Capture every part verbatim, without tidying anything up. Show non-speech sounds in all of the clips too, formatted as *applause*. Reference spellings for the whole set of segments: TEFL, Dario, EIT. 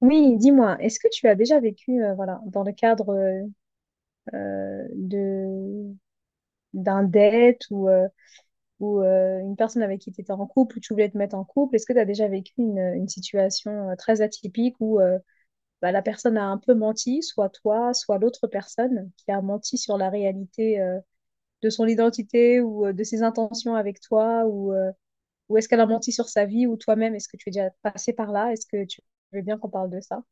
Oui, dis-moi, est-ce que tu as déjà vécu, euh, voilà, dans le cadre euh, euh, de d'un date ou, euh, ou euh, une personne avec qui tu étais en couple ou tu voulais te mettre en couple, est-ce que tu as déjà vécu une, une situation euh, très atypique où euh, bah, la personne a un peu menti, soit toi, soit l'autre personne qui a menti sur la réalité euh, de son identité ou euh, de ses intentions avec toi ou, euh, ou est-ce qu'elle a menti sur sa vie ou toi-même, est-ce que tu es déjà passé par là? Est-ce que tu veux bien qu'on parle de ça?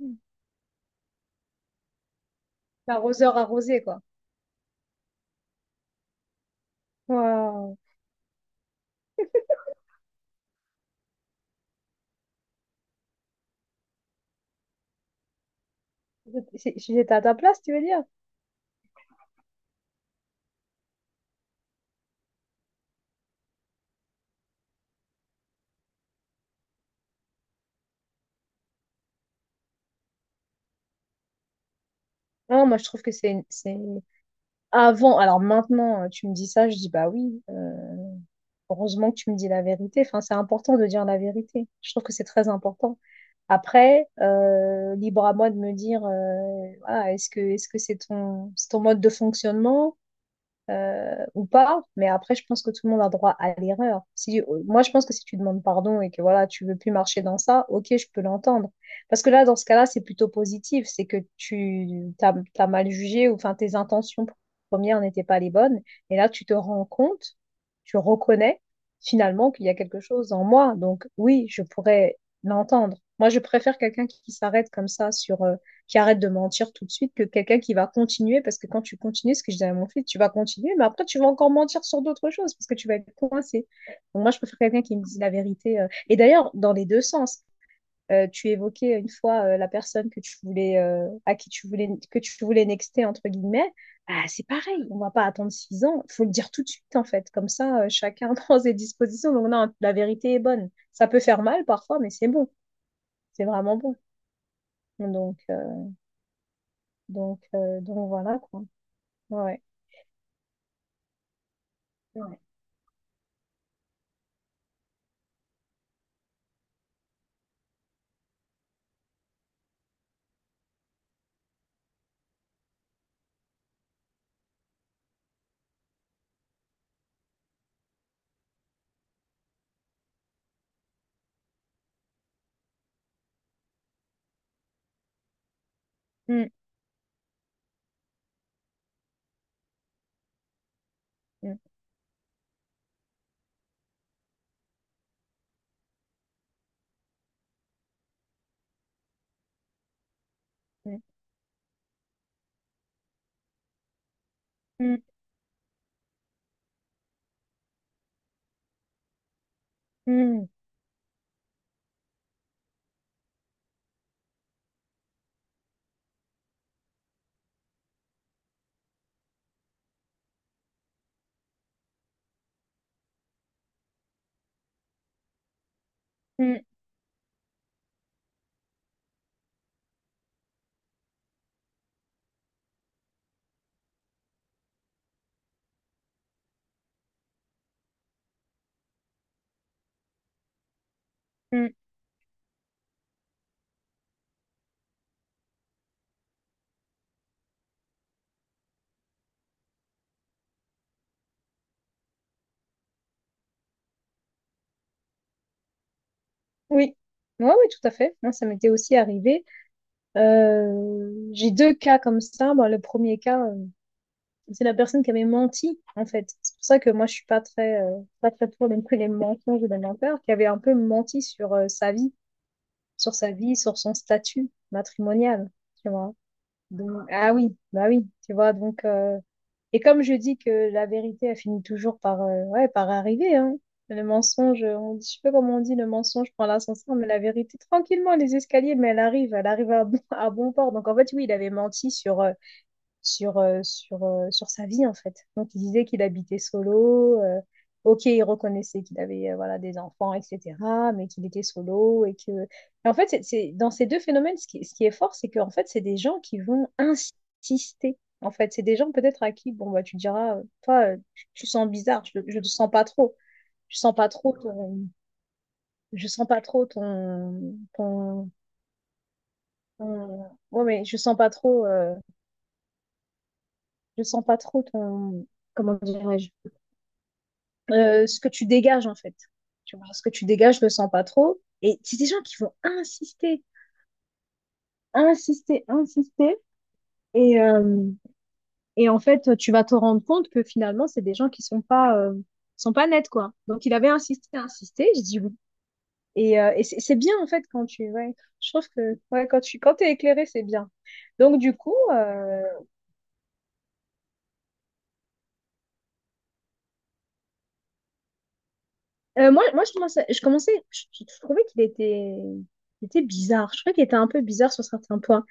Mm. L'arroseur arrosé, quoi. Waouh. Si- si j'étais à ta place, tu veux dire? Non, moi je trouve que c'est c'est- avant. Alors maintenant, euh, tu me dis ça, je dis bah oui. Euh, heureusement que tu me dis la vérité. Enfin, c'est important de dire la vérité. Je trouve que c'est très important. Après, euh, libre à moi de me dire, euh, voilà, est-ce que est-ce que c'est ton, c'est ton mode de fonctionnement? Euh, ou pas. Mais après, je pense que tout le monde a droit à l'erreur. Si, euh, moi, je pense que si tu demandes pardon et que voilà, tu veux plus marcher dans ça, ok, je peux l'entendre. Parce que là, dans ce cas-là, c'est plutôt positif. C'est que tu t'as, t'as mal jugé ou enfin tes intentions premières n'étaient pas les bonnes. Et là, tu te rends compte, tu reconnais finalement qu'il y a quelque chose en moi. Donc oui, je pourrais l'entendre. Moi, je préfère quelqu'un qui s'arrête comme ça sur, euh, qui arrête de mentir tout de suite que quelqu'un qui va continuer, parce que quand tu continues, ce que je disais à mon fils, tu vas continuer, mais après tu vas encore mentir sur d'autres choses, parce que tu vas être coincé. Donc moi, je préfère quelqu'un qui me dise la vérité. euh. Et d'ailleurs, dans les deux sens, Euh, tu évoquais une fois euh, la personne que tu voulais, euh, à qui tu voulais, que tu voulais nexter, entre guillemets, ah, c'est pareil, on va pas attendre six ans. Il faut le dire tout de suite en fait, comme ça euh, chacun *laughs* prend ses dispositions. Donc non, la vérité est bonne. Ça peut faire mal parfois, mais c'est bon, c'est vraiment bon. Donc, euh, donc, euh, donc voilà quoi. Ouais. Ouais. Mm, mm, mm, mm, mm, mm, mm. Oui. Oui, ouais, ouais, tout à fait. Moi, ça m'était aussi arrivé. Euh, j'ai deux cas comme ça. Bon, le premier cas, euh, c'est la personne qui avait menti, en fait. C'est pour ça que moi, je suis pas très, euh, pas très pour non plus les mensonges ou les menteurs, qui avait un peu menti sur euh, sa vie, sur sa vie, sur son statut matrimonial. Tu vois. Donc, ah oui, bah oui, tu vois, donc... euh, et comme je dis que la vérité, elle finit toujours par, euh, ouais, par arriver, hein. Le mensonge, on dit, je sais pas comment on dit, le mensonge prend l'ascenseur, mais la vérité, tranquillement, les escaliers, mais elle arrive, elle arrive à bon, *laughs* à bon port. Donc en fait, oui, il avait menti sur, euh, sur, euh, sur, euh, sur sa vie, en fait. Donc, il disait qu'il habitait solo. Euh, ok, il reconnaissait qu'il avait euh, voilà, des enfants, et cetera, mais qu'il était solo. Et que... Et en fait, c'est, c'est- dans ces deux phénomènes, ce qui, ce qui est fort, c'est qu'en fait, c'est des gens qui vont insister. En fait, c'est des gens peut-être à qui, bon, bah, tu diras, euh, toi, euh, tu, tu sens bizarre, je ne sens pas trop. Je sens pas trop ton, je sens pas trop ton, ton, ton- ouais, mais je sens pas trop, euh, je sens pas trop ton, comment dirais-je, euh, ce que tu dégages en fait. Tu vois, ce que tu dégages, je le sens pas trop. Et c'est des gens qui vont insister, insister, insister. Et, euh, et en fait, tu vas te rendre compte que finalement, c'est des gens qui sont pas, euh, sont pas nets, quoi. Donc, il avait insisté, insisté. Je dis oui. Et, euh, et c'est c'est bien, en fait, quand tu, ouais, je trouve que, ouais, quand tu, quand t'es éclairé, c'est bien. Donc, du coup, euh, euh, moi, moi, je commençais, je commençais, je, je trouvais qu'il était, il était bizarre. Je trouvais qu'il était un peu bizarre sur certains points.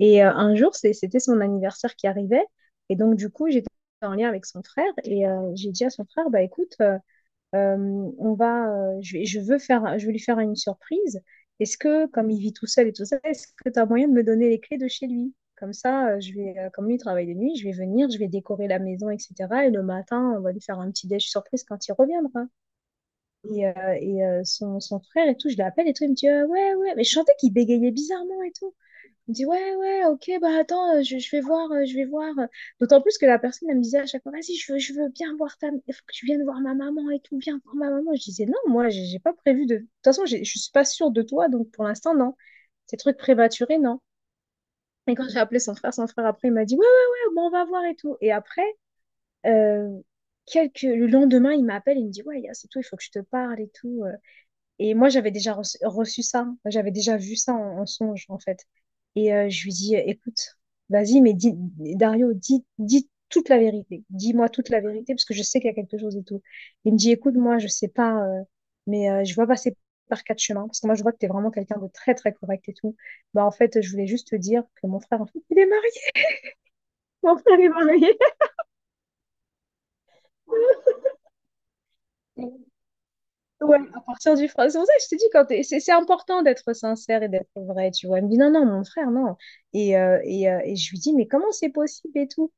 Et euh, un jour, c'est- c'était son anniversaire qui arrivait. Et donc, du coup, j'étais en lien avec son frère et euh, j'ai dit à son frère, bah écoute, euh, euh, on va, euh, je, vais- je veux faire, je veux lui faire une surprise. Est-ce que, comme il vit tout seul et tout ça, est-ce que tu as moyen de me donner les clés de chez lui? Comme ça, euh, je vais, euh, comme lui il travaille de nuit, je vais venir, je vais décorer la maison, et cetera. Et le matin, on va lui faire un petit déj surprise quand il reviendra. Et, euh, et, euh, son, son frère et tout, je l'appelle et tout, il me dit, euh, ouais, ouais, mais je sentais qu'il bégayait bizarrement et tout. Il me dit, ouais, ouais, ok, bah attends, euh, je, je vais voir, euh, je vais voir. D'autant plus que la personne, elle me disait à chaque fois, vas-y, je veux, je veux bien voir ta... Il faut que tu viennes voir ma maman et tout, viens voir ma maman. Je disais, non, moi, j'ai j'ai pas prévu de... De toute façon, j'ai- je suis pas sûre de toi, donc pour l'instant, non. Ces trucs prématurés, non. Et quand j'ai appelé son frère, son frère, après, il m'a dit, ouais, ouais, ouais, bon, on va voir et tout. Et après, euh, quelques... le lendemain, il m'appelle, il me dit, ouais, Yas, c'est tout, il faut que je te parle et tout. euh. Et moi, j'avais déjà reçu, reçu ça. Enfin, j'avais déjà vu ça en, en songe, en fait. Et euh, je lui dis, écoute, vas-y, mais dis, Dario, dis, dis toute la vérité. Dis-moi toute la vérité, parce que je sais qu'il y a quelque chose et tout. Il me dit, écoute, moi, je sais pas, euh, mais euh, je vois passer par quatre chemins, parce que moi, je vois que t'es vraiment quelqu'un de très, très correct et tout. Bah, en fait, je voulais juste te dire que mon frère, en fait, il est marié. *laughs* Mon frère est marié. Ouais, à partir du français. C'est pour ça que je te dis, quand t'es- c'est c'est important d'être sincère et d'être vrai, tu vois. Elle me dit, non, non, mon frère, non. Et, euh, et, euh, et je lui dis, mais comment c'est possible et tout?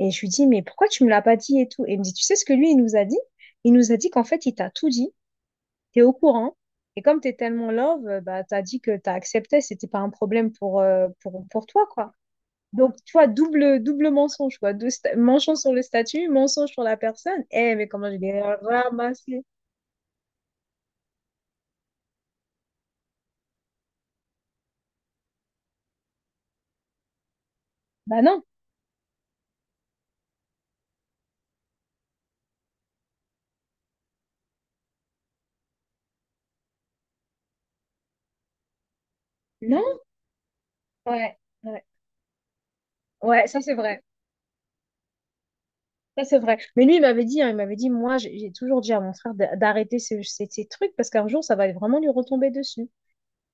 Et je lui dis, mais pourquoi tu me l'as pas dit et tout? Et il me dit, tu sais ce que lui, il nous a dit? Il nous a dit qu'en fait, il t'a tout dit, t'es au courant. Et comme t'es tellement love, euh, bah, t'as dit que t'as accepté, c'était pas un problème pour, euh, pour, pour toi, quoi. Donc, tu vois, double, double mensonge, quoi. Deux sta- mensonge sur le statut, mensonge sur la personne. Eh, mais comment je l'ai ramassé? Bah non, non, ouais. Ouais. Ouais, ça c'est vrai. Ça c'est vrai. Mais lui, il m'avait dit, hein, il m'avait dit, moi, j'ai j'ai toujours dit à mon frère d'a- d'arrêter ce- ces, ces trucs parce qu'un jour, ça va vraiment lui retomber dessus.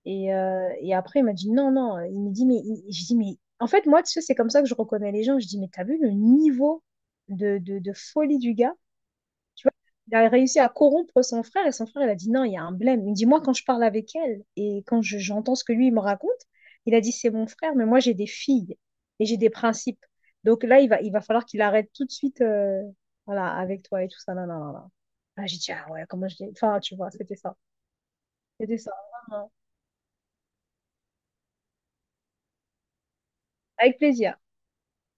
Et, euh, et après, il m'a dit, non, non. Il me dit, mais il- je dis, mais en fait, moi, tu sais, c'est comme ça que je reconnais les gens. Je dis, mais t'as vu le niveau de, de, de folie du gars? Il a réussi à corrompre son frère et son frère, il a dit non, il y a un blême. Il dit, moi, quand je parle avec elle et quand je- j'entends ce que lui, il me raconte, il a dit, c'est mon frère, mais moi, j'ai des filles et j'ai des principes. Donc là, il va, il va falloir qu'il arrête tout de suite, euh, voilà, avec toi et tout ça. Non, non, non, non. Ah, j'ai dit, ah ouais, comment je dis. Enfin, tu vois, c'était ça. C'était ça. Vraiment. Avec plaisir.